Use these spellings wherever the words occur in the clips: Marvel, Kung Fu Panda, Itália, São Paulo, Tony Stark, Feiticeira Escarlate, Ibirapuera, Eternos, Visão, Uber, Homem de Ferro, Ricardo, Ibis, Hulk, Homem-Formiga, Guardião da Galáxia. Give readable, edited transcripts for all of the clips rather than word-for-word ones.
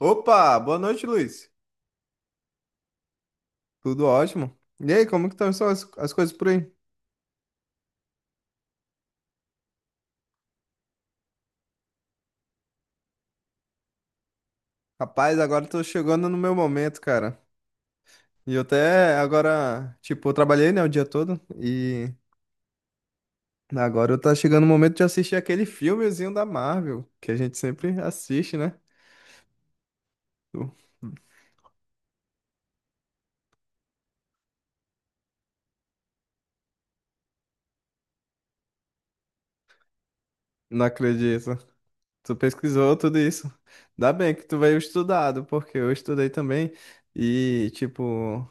Opa, boa noite, Luiz. Tudo ótimo. E aí, como que estão só as coisas por aí? Rapaz, agora eu tô chegando no meu momento, cara. E eu até agora, tipo, eu trabalhei, né, o dia todo e agora eu tá chegando o momento de assistir aquele filmezinho da Marvel, que a gente sempre assiste, né? Tu não acredito. Tu pesquisou tudo isso. Ainda bem que tu veio estudado, porque eu estudei também e, tipo,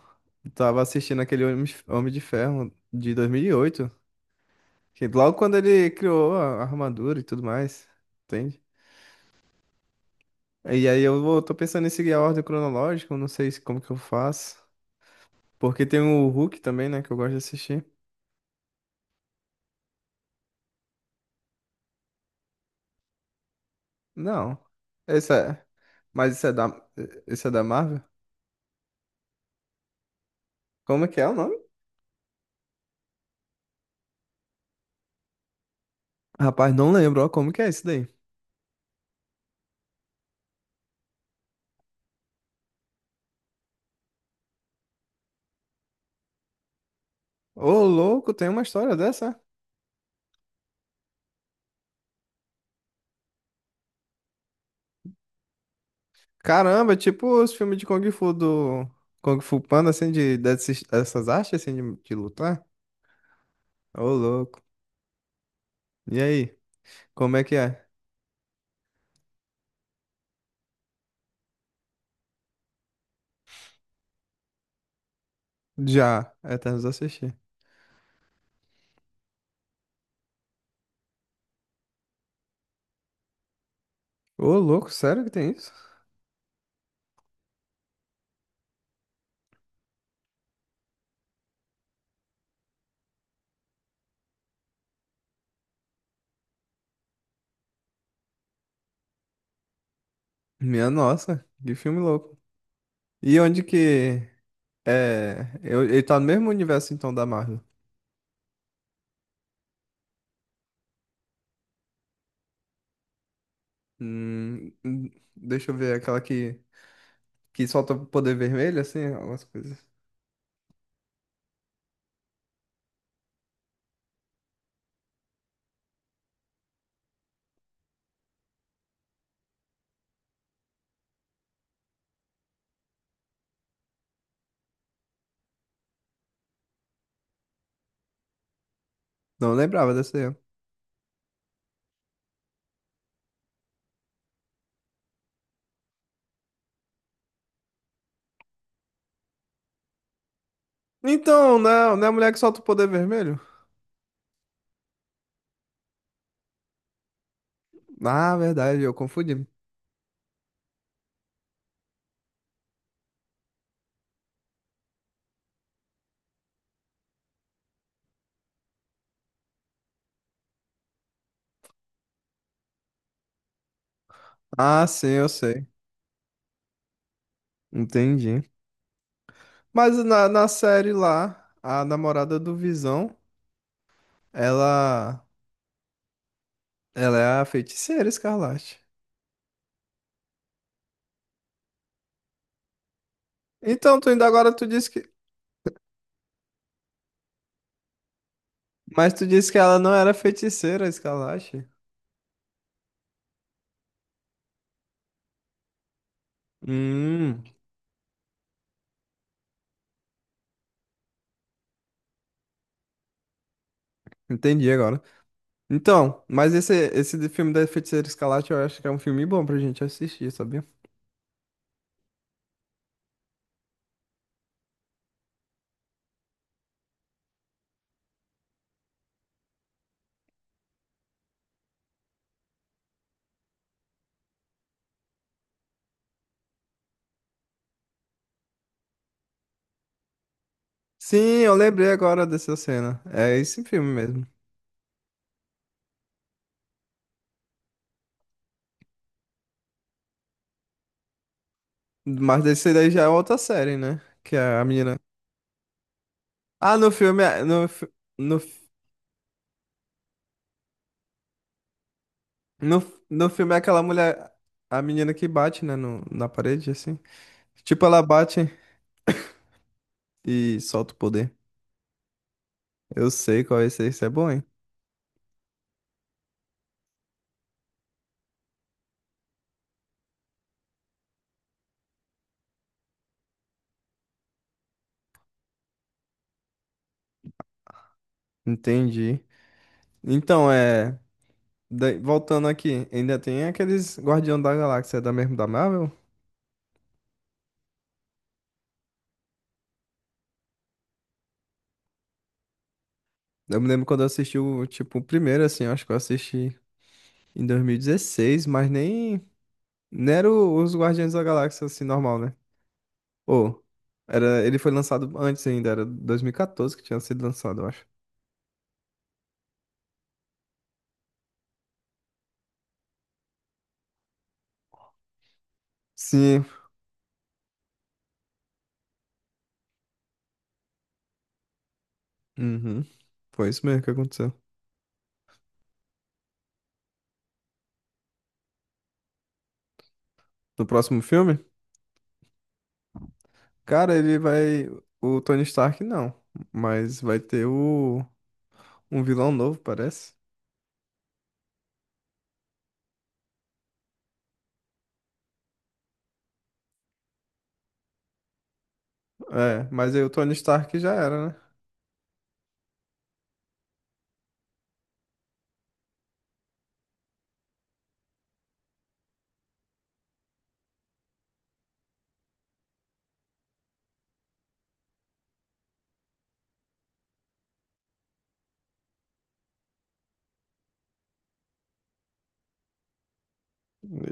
tava assistindo aquele Homem de Ferro de 2008. Que logo quando ele criou a armadura e tudo mais, entende? E aí tô pensando em seguir a ordem cronológica, eu não sei como que eu faço. Porque tem o Hulk também, né, que eu gosto de assistir. Não, esse é... Mas esse é esse é da Marvel? Como é que é o nome? Rapaz, não lembro, ó, como que é isso daí? Ô, louco, tem uma história dessa? Caramba, é tipo os filmes de Kung Fu do... Kung Fu Panda, assim, dessas, dessas artes, assim, de lutar? Ô, louco. E aí, como é que é? Já, Eternos eu assisti. Ô, louco, sério que tem isso? Minha nossa, que filme louco. E onde que. Ele tá no mesmo universo então da Marvel. Hum, hum, deixa eu ver aquela que. Que solta o poder vermelho, assim, algumas coisas. Não lembrava dessa aí, ó. Então, não, é, não é a mulher que solta o poder vermelho? Ah, verdade, eu confundi. Ah, sim, eu sei. Entendi. Mas na série lá, a namorada do Visão, ela. Ela é a Feiticeira Escarlate. Então, tu ainda agora tu disse que. Mas tu disse que ela não era feiticeira, Escalache. Hum, entendi agora. Então, mas esse de filme da Feiticeira Escalache eu acho que é um filme bom pra gente assistir, sabia? Sim, eu lembrei agora dessa cena. É esse filme mesmo. Mas desse daí já é outra série, né? Que é a menina. Ah, no filme. É- No, fi- no, fi- no, fi- No filme é aquela mulher. A menina que bate, né? No, Na parede, assim. Tipo, ela bate e solta o poder. Eu sei qual é esse. Isso é bom, hein? Entendi. Então, é. Voltando aqui, ainda tem aqueles Guardião da Galáxia da mesmo da Marvel? Eu me lembro quando eu assisti o, tipo, o primeiro, assim, eu acho que eu assisti em 2016, mas nem. Nem era os Guardiões da Galáxia, assim, normal, né? Ou. Era, ele foi lançado antes ainda, era 2014 que tinha sido lançado, eu acho. Sim. Uhum. Foi isso mesmo que aconteceu. No próximo filme? Cara, ele vai. O Tony Stark não. Mas vai ter o. Um vilão novo, parece. É, mas aí o Tony Stark já era, né?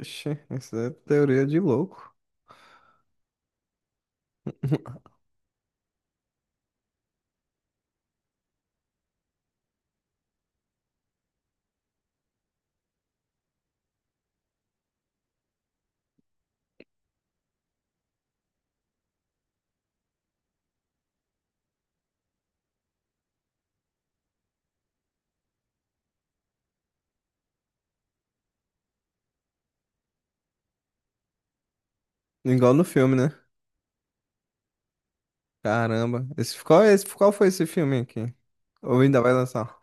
Ixi, essa é teoria de louco. Igual no filme, né? Caramba. É esse, qual foi esse filme aqui? Ou ainda vai lançar?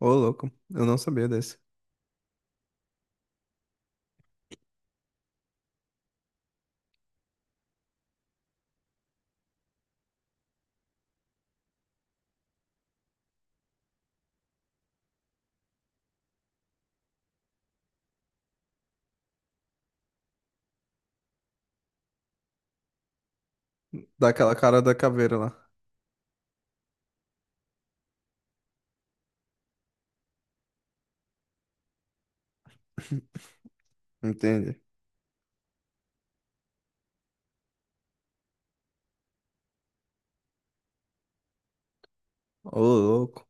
Ô, louco. Eu não sabia desse. Daquela cara da caveira lá. Entende? Ô, louco.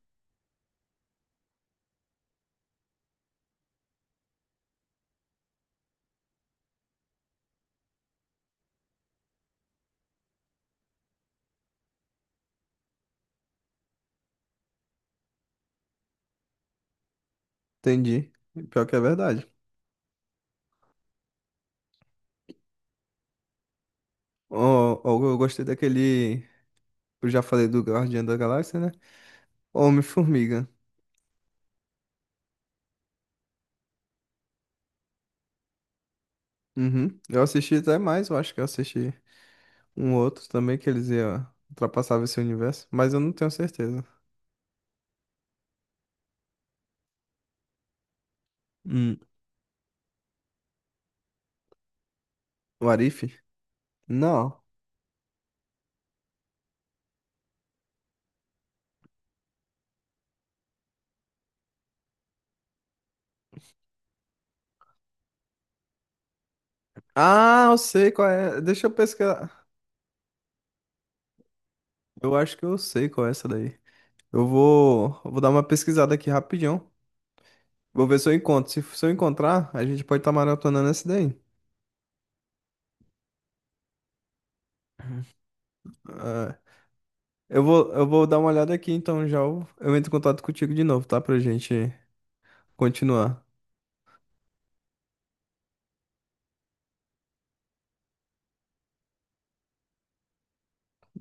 Entendi. Pior que é verdade. Ó, ó, eu gostei daquele. Eu já falei do Guardião da Galáxia, né? Homem-Formiga. Uhum. Eu assisti até mais, eu acho que eu assisti. Um outro também que eles iam ultrapassar esse universo, mas eu não tenho certeza. Hum, o Arif? Não. Ah, eu sei qual é. Deixa eu pesquisar. Eu acho que eu sei qual é essa daí. Eu vou dar uma pesquisada aqui rapidão. Vou ver se eu encontro. Se eu encontrar, a gente pode estar maratonando essa daí. Ah, eu vou dar uma olhada aqui, então eu entro em contato contigo de novo, tá? Pra gente continuar.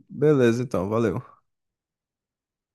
Beleza, então, valeu.